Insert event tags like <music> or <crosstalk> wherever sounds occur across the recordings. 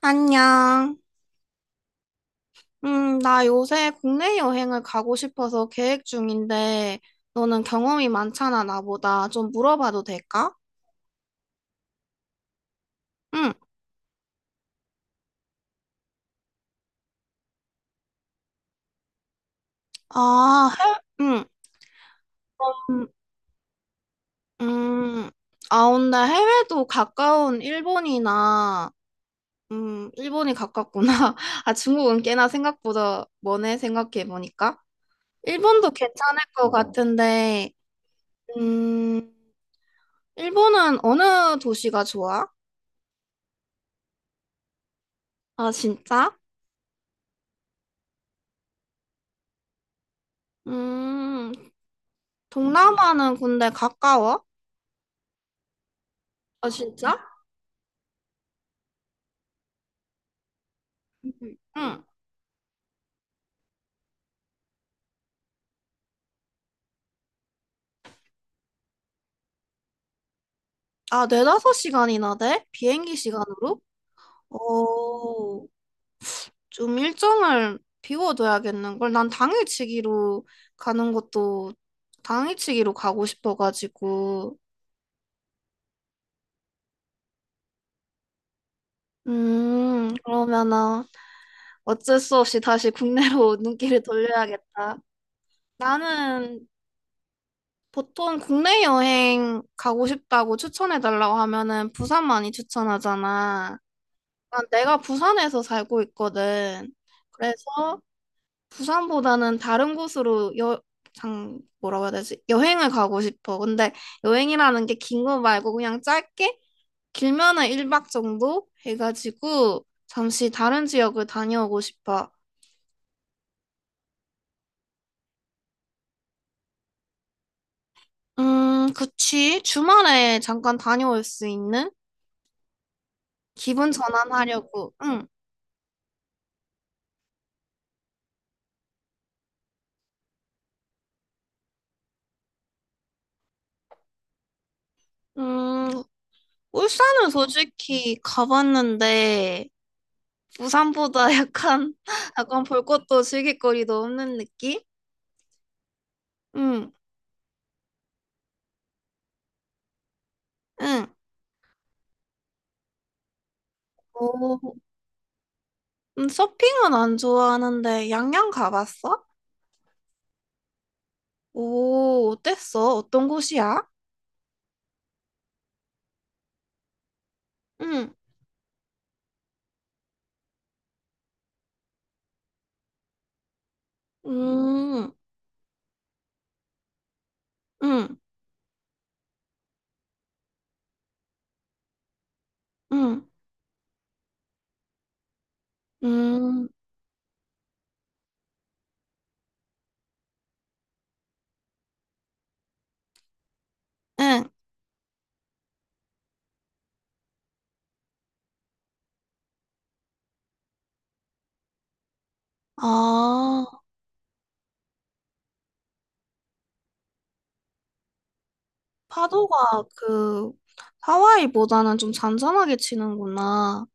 안녕. 나 요새 국내 여행을 가고 싶어서 계획 중인데, 너는 경험이 많잖아, 나보다. 좀 물어봐도 될까? 응. 아, 응. 음, 음. 아, 근데 해외도 가까운 일본이나, 일본이 가깝구나. <laughs> 아, 중국은 꽤나 생각보다 머네, 생각해보니까. 일본도 괜찮을 것 같은데, 음, 일본은 어느 도시가 좋아? 아, 진짜? 음, 동남아는 근데 가까워? 아, 진짜? 응. 응. 아, 네다섯 시간이나 돼? 비행기 시간으로? 오, 좀 일정을 비워둬야겠는걸. 난 당일치기로 가는 것도 당일치기로 가고 싶어가지고. 그러면은 어쩔 수 없이 다시 국내로 <laughs> 눈길을 돌려야겠다. 나는 보통 국내 여행 가고 싶다고 추천해달라고 하면은 부산 많이 추천하잖아. 난 내가 부산에서 살고 있거든. 그래서 부산보다는 다른 곳으로 뭐라고 해야 되지? 여행을 가고 싶어. 근데 여행이라는 게 긴 거 말고 그냥 짧게? 길면은 1박 정도 해가지고 잠시 다른 지역을 다녀오고 싶어. 그치. 주말에 잠깐 다녀올 수 있는? 기분 전환하려고. 응. 음, 울산은 솔직히 가봤는데, 부산보다 약간 <laughs> 약간 볼 것도 즐길거리도 없는 느낌? 응, 응. 오, 서핑은 안 좋아하는데 양양 가봤어? 오, 어땠어? 어떤 곳이야? 응, 음, 응, 응, 응, 응. 아, 파도가 그 하와이보다는 좀 잔잔하게 치는구나.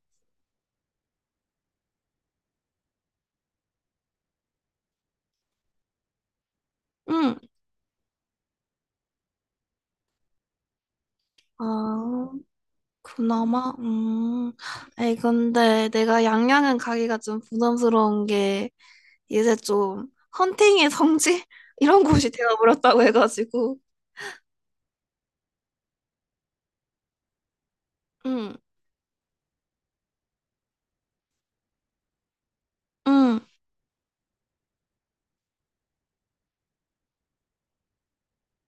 응, 아. 그나마? 음. 에이, 근데 내가 양양은 가기가 좀 부담스러운 게 이제 좀 헌팅의 성지? <laughs> 이런 곳이 되어버렸다고 해가지고. 응, 응,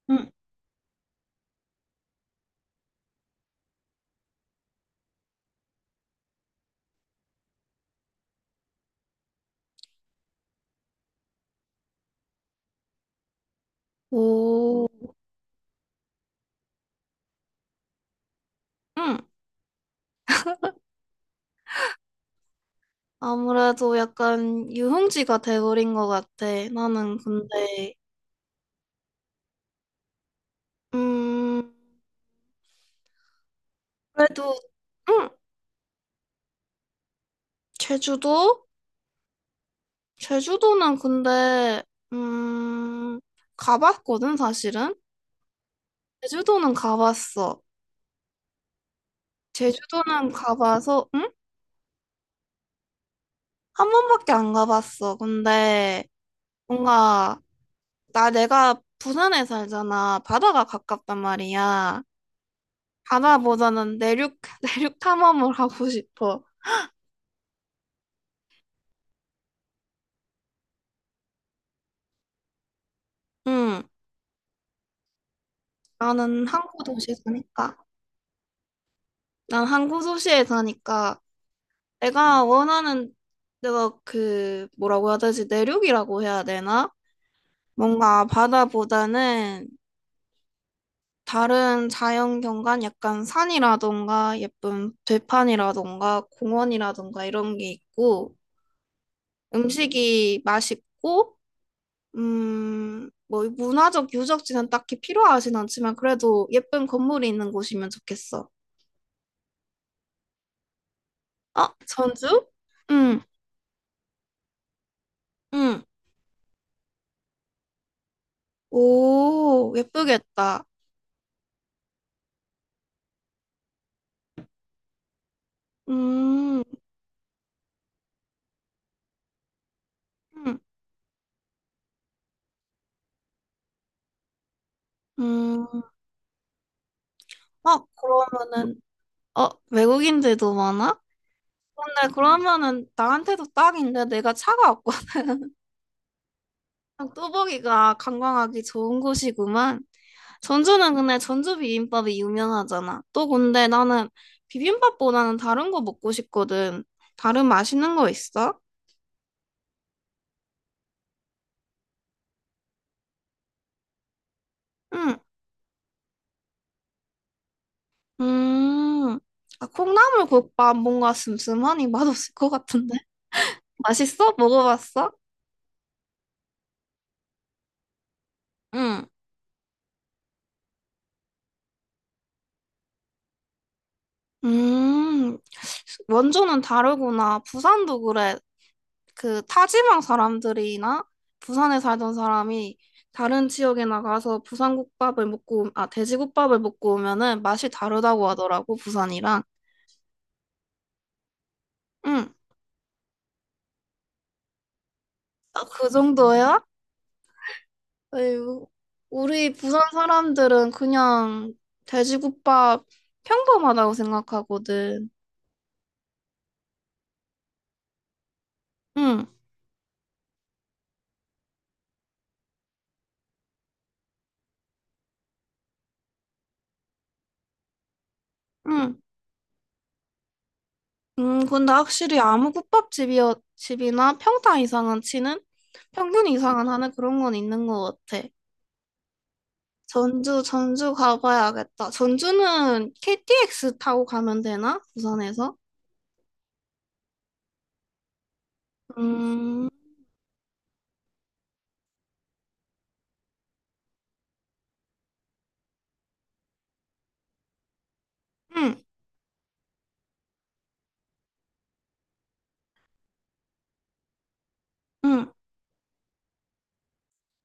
응. 오, 응. 아무래도 약간 유흥지가 돼버린 것 같아. 나는 근데, 음, 그래도, 응. 제주도? 제주도는 근데, 음, 가봤거든, 사실은? 제주도는 가봤어. 제주도는 가봐서, 응? 한 번밖에 안 가봤어. 근데 뭔가, 나 내가 부산에 살잖아. 바다가 가깝단 말이야. 바다보다는 내륙, <laughs> 내륙 탐험을 하고 싶어. 응. 나는 항구 도시에 사니까. 난 항구 도시에 사니까 내가 원하는, 내가 그, 뭐라고 해야 되지? 내륙이라고 해야 되나? 뭔가 바다보다는 다른 자연경관, 약간 산이라던가 예쁜 들판이라던가 공원이라던가 이런 게 있고 음식이 맛있고 뭐 문화적 유적지는 딱히 필요하진 않지만 그래도 예쁜 건물이 있는 곳이면 좋겠어. 어, 전주? 응, 응. 오, 예쁘겠다. 음, 음, 음. 어, 그러면은 어, 외국인들도 많아? 근데 그러면은 나한테도 딱인데 내가 차가 없고 뚜벅이가 관광하기 좋은 곳이구만. 전주는 근데 전주 비빔밥이 유명하잖아. 또 근데 나는 비빔밥보다는 다른 거 먹고 싶거든. 다른 맛있는 거 있어? 응. 음. 아, 콩나물국밥 뭔가 슴슴하니 맛없을 것 같은데. 맛있어? 먹어봤어? 응. 음. 원조는 다르구나. 부산도 그래. 그 타지방 사람들이나 부산에 살던 사람이 다른 지역에 나가서 부산국밥을 먹고, 아, 돼지국밥을 먹고 오면은 맛이 다르다고 하더라고, 부산이랑. 응, 아, 그 정도야? 에휴, 우리 부산 사람들은 그냥 돼지국밥 평범하다고 생각하거든. 응, 응. 근데 확실히 아무 집이나 평타 이상은 치는, 평균 이상은 하는 그런 건 있는 것 같아. 전주, 전주 가봐야겠다. 전주는 KTX 타고 가면 되나? 부산에서? 음, 응, 응.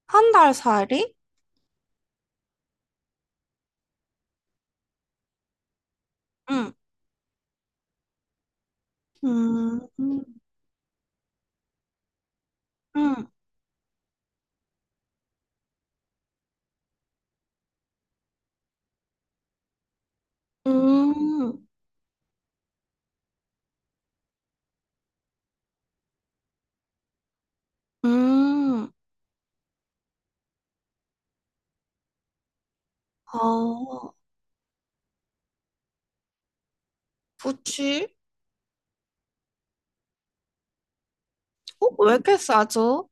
한 달 살이? 응, 음, 음, 음, 음, 음. 어, 그치? 어, 왜 이렇게 싸죠?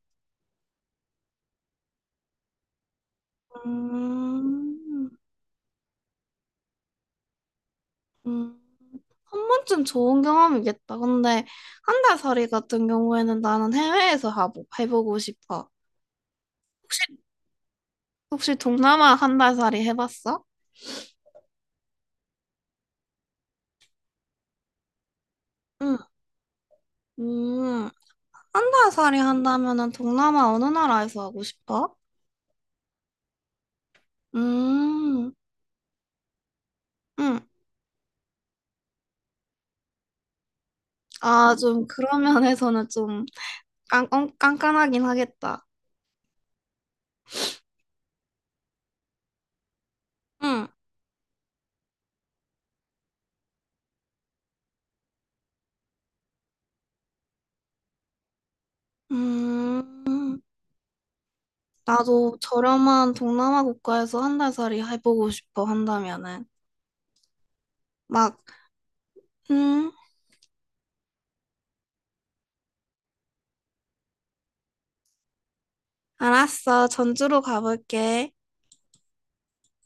음, 음. 한 번쯤 좋은 경험이겠다. 근데 한 달 살이 같은 경우에는 나는 해외에서 하고 해보고 싶어. 혹시, 혹시 동남아 한 달 살이 해봤어? 음, 한달살이 한다면은 동남아 어느 나라에서 하고 싶어? 음, 음. 아, 좀 그런 면에서는 좀 깐깐하긴 하겠다. 음, 음. 나도 저렴한 동남아 국가에서 한 달살이 해보고 싶어, 한다면은. 막, 음, 알았어. 전주로 가볼게.